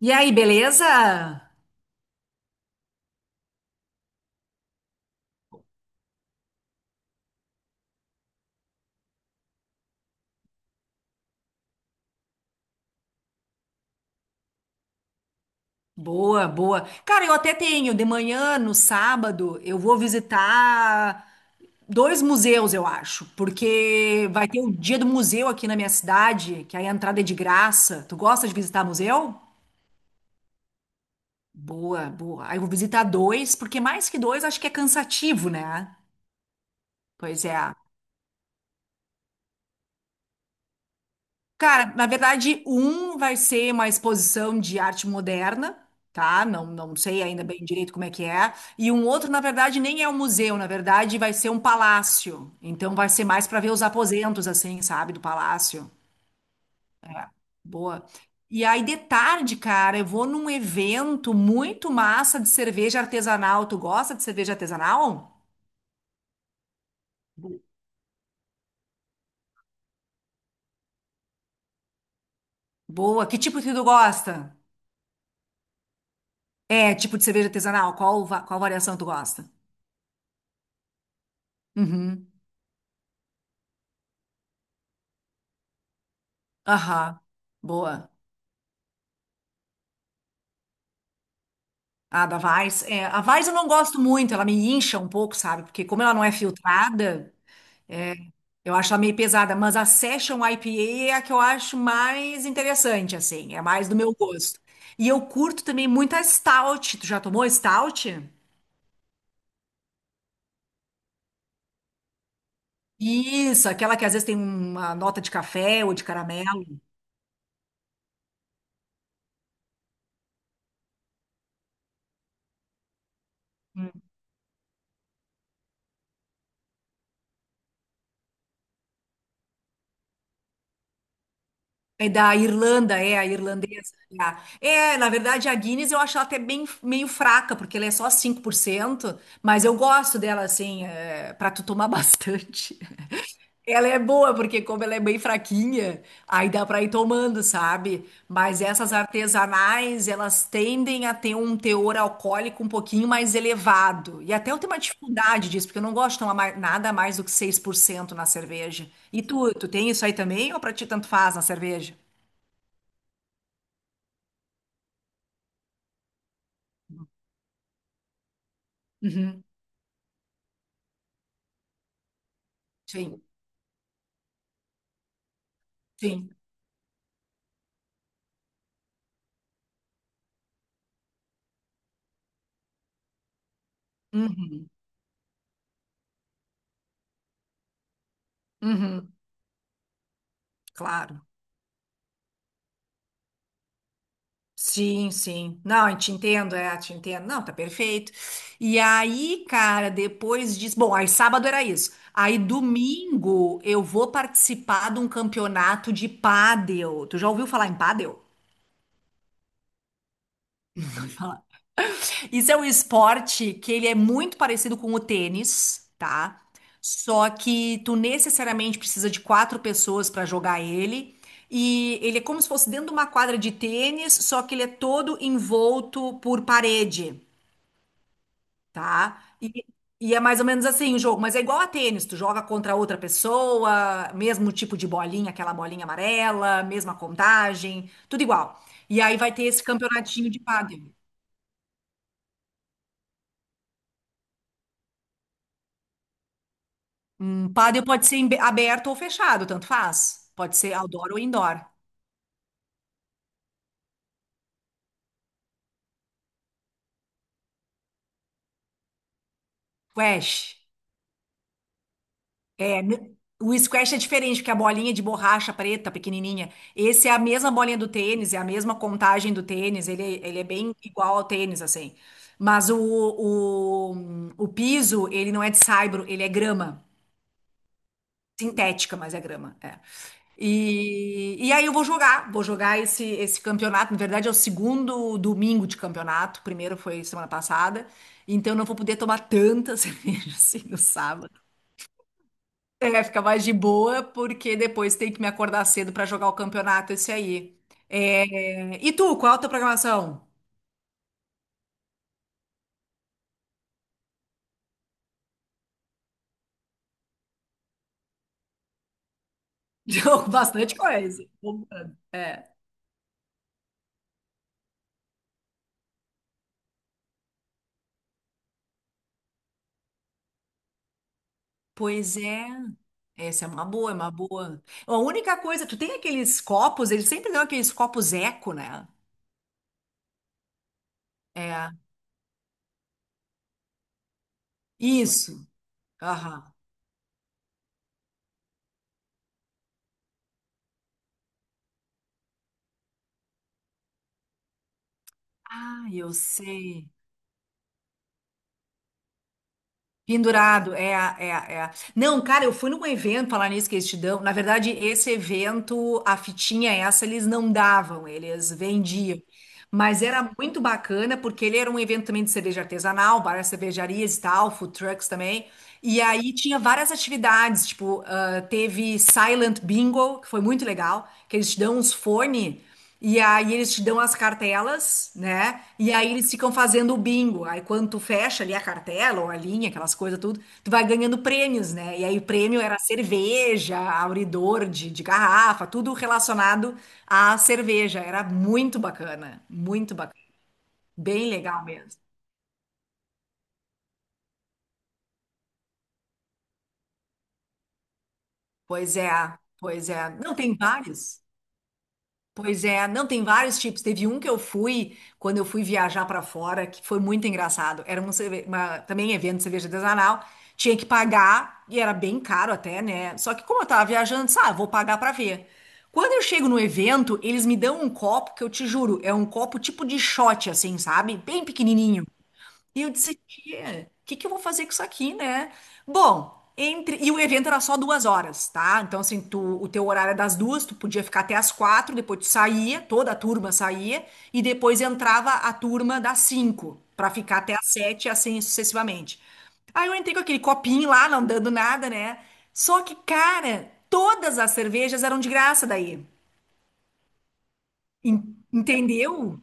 E aí, beleza? Boa, boa. Cara, eu até tenho. De manhã, no sábado, eu vou visitar dois museus, eu acho, porque vai ter o dia do museu aqui na minha cidade, que aí a entrada é de graça. Tu gosta de visitar museu? Boa, boa. Aí eu vou visitar dois, porque mais que dois, acho que é cansativo, né? Pois é. Cara, na verdade, um vai ser uma exposição de arte moderna, tá? Não, não sei ainda bem direito como é que é. E um outro, na verdade, nem é um museu, na verdade, vai ser um palácio. Então, vai ser mais para ver os aposentos, assim, sabe, do palácio. Boa. E aí, de tarde, cara, eu vou num evento muito massa de cerveja artesanal. Tu gosta de cerveja artesanal? Boa. Que tipo que tu gosta? É, tipo de cerveja artesanal? Qual variação tu gosta? Uhum. Aham, boa. Ah, da Vars. É, a Vars eu não gosto muito, ela me incha um pouco, sabe? Porque como ela não é filtrada, eu acho ela meio pesada, mas a Session IPA é a que eu acho mais interessante, assim, é mais do meu gosto. E eu curto também muito a Stout. Tu já tomou Stout? Isso, aquela que às vezes tem uma nota de café ou de caramelo. É da Irlanda, é a irlandesa. É, na verdade, a Guinness eu acho ela até bem, meio fraca, porque ela é só 5% mas eu gosto dela, assim, é, para tu tomar bastante. Ela é boa, porque como ela é bem fraquinha, aí dá para ir tomando, sabe? Mas essas artesanais, elas tendem a ter um teor alcoólico um pouquinho mais elevado. E até eu tenho uma dificuldade disso, porque eu não gosto de tomar nada mais do que 6% na cerveja. E tu tem isso aí também, ou pra ti tanto faz na cerveja? Uhum. Sim, sim. Uhum, uhum. Claro. Sim, sim. Não, eu te entendo, é, te entendo. Não, tá perfeito. E aí, cara, depois diz, bom, aí sábado era isso. Aí domingo eu vou participar de um campeonato de pádel. Tu já ouviu falar em pádel? Isso é um esporte que ele é muito parecido com o tênis, tá? Só que tu necessariamente precisa de quatro pessoas para jogar ele. E ele é como se fosse dentro de uma quadra de tênis, só que ele é todo envolto por parede, tá? E é mais ou menos assim o jogo, mas é igual a tênis, tu joga contra outra pessoa, mesmo tipo de bolinha, aquela bolinha amarela, mesma contagem, tudo igual. E aí vai ter esse campeonatinho de pádel. Um paddle pode ser aberto ou fechado, tanto faz. Pode ser outdoor ou indoor. Squash. É, o squash é diferente, porque a bolinha de borracha preta, pequenininha, esse é a mesma bolinha do tênis, é a mesma contagem do tênis, ele é bem igual ao tênis, assim. Mas o piso, ele não é de saibro, ele é grama. Sintética, mas é grama. É. E aí eu vou jogar esse campeonato. Na verdade, é o segundo domingo de campeonato, o primeiro foi semana passada, então eu não vou poder tomar tanta cerveja assim no sábado. É, fica mais de boa, porque depois tem que me acordar cedo pra jogar o campeonato esse aí. É. E tu, qual é a tua programação? Jogo bastante coisa. Bombando. Pois é. Essa é uma boa, é uma boa. A única coisa, tu tem aqueles copos, eles sempre dão aqueles copos eco, né? É. Isso. Aham. Ah, eu sei. Pendurado. Não, cara, eu fui num evento, falar nisso que eles te dão. Na verdade, esse evento, a fitinha essa, eles não davam, eles vendiam. Mas era muito bacana, porque ele era um evento também de cerveja artesanal, várias cervejarias e tal, food trucks também. E aí tinha várias atividades, tipo, ah, teve Silent Bingo, que foi muito legal, que eles te dão uns fones, e aí eles te dão as cartelas, né? E aí eles ficam fazendo o bingo. Aí quando tu fecha ali a cartela ou a linha, aquelas coisas tudo, tu vai ganhando prêmios, né? E aí o prêmio era cerveja, abridor de garrafa, tudo relacionado à cerveja. Era muito bacana, muito bacana. Bem legal mesmo. Pois é, pois é. Não, tem vários. Pois é, não, tem vários tipos. Teve um que eu fui quando eu fui viajar pra fora, que foi muito engraçado. Era um, cerve- uma, também evento de cerveja artesanal, tinha que pagar, e era bem caro até, né? Só que como eu tava viajando, disse, ah, vou pagar pra ver. Quando eu chego no evento, eles me dão um copo que eu te juro, é um copo tipo de shot, assim, sabe? Bem pequenininho. E eu disse, tia, o que que eu vou fazer com isso aqui, né? Bom, e o evento era só 2 horas, tá? Então, assim, o teu horário é das duas, tu podia ficar até as quatro, depois tu saía, toda a turma saía, e depois entrava a turma das cinco, pra ficar até as sete, assim sucessivamente. Aí eu entrei com aquele copinho lá, não dando nada, né? Só que, cara, todas as cervejas eram de graça daí. Entendeu?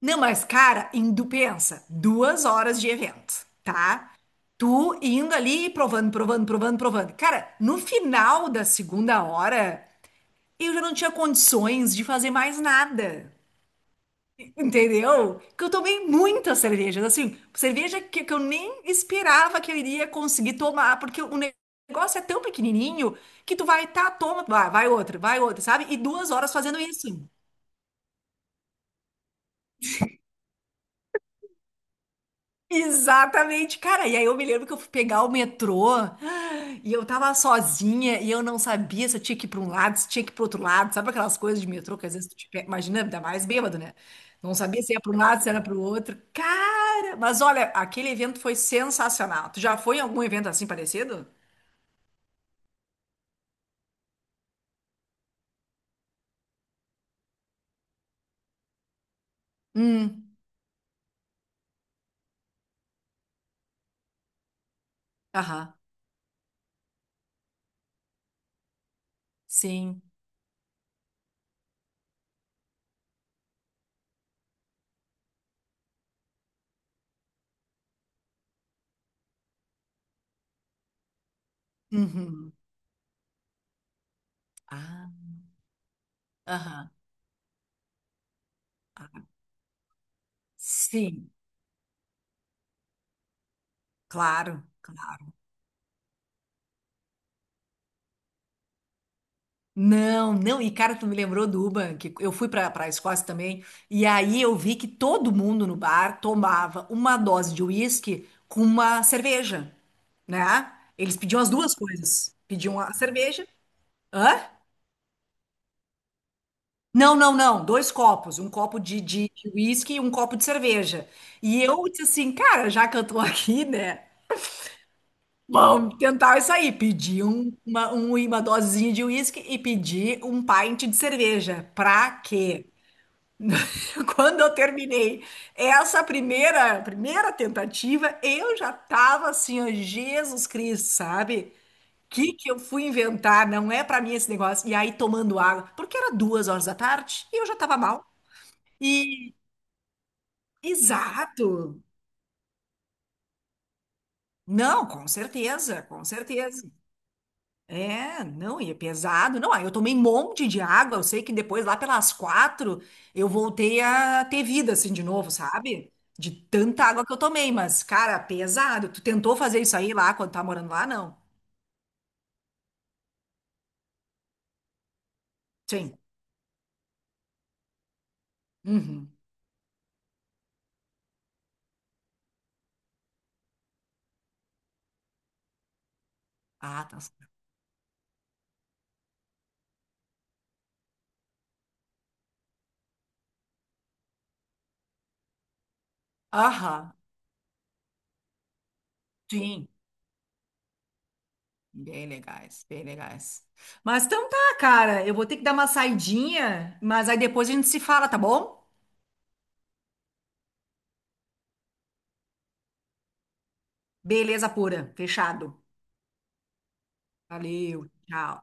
Não, mas, cara, indo, pensa, 2 horas de evento, tá? Tu indo ali e provando, provando, provando, provando. Cara, no final da segunda hora, eu já não tinha condições de fazer mais nada, entendeu? Que eu tomei muitas cervejas, assim, cerveja que eu nem esperava que eu iria conseguir tomar, porque o negócio é tão pequenininho que tu vai, tá, toma, vai, vai outra, sabe? E 2 horas fazendo isso. Exatamente, cara. E aí eu me lembro que eu fui pegar o metrô e eu tava sozinha e eu não sabia se eu tinha que ir pra um lado, se tinha que ir pro outro lado. Sabe aquelas coisas de metrô que às vezes tu te pega, imagina, ainda mais bêbado, né? Não sabia se ia pra um lado, se era pro outro. Cara, mas olha, aquele evento foi sensacional. Tu já foi em algum evento assim parecido? Hum, aham, sim. Uhum. Ah, aham. Ah, sim, claro, claro. Não, não, e cara, tu me lembrou do Uban, que eu fui pra para a Escócia também, e aí eu vi que todo mundo no bar tomava uma dose de uísque com uma cerveja, né? Eles pediam as duas coisas. Pediam a cerveja. Hã? Não, não, não, dois copos, um copo de uísque e um copo de cerveja. E eu disse assim, cara, já que eu tô aqui, né? Vamos tentar isso aí. Pedi uma dosezinha de uísque e pedi um pint de cerveja. Pra quê? Quando eu terminei essa primeira tentativa, eu já tava assim, ó, Jesus Cristo, sabe? O que que eu fui inventar? Não é pra mim esse negócio. E aí tomando água, porque era 2 horas da tarde e eu já tava mal. E exato. Não, com certeza, com certeza. É, não, e é pesado. Não, aí eu tomei um monte de água. Eu sei que depois, lá pelas quatro, eu voltei a ter vida, assim, de novo, sabe? De tanta água que eu tomei. Mas, cara, pesado. Tu tentou fazer isso aí lá quando tá morando lá? Não. Sim. Uhum. Ah, tá, certo. Aham. Sim. Bem legais, bem legais. Mas então tá, cara. Eu vou ter que dar uma saidinha, mas aí depois a gente se fala, tá bom? Beleza pura. Fechado. Valeu. Tchau.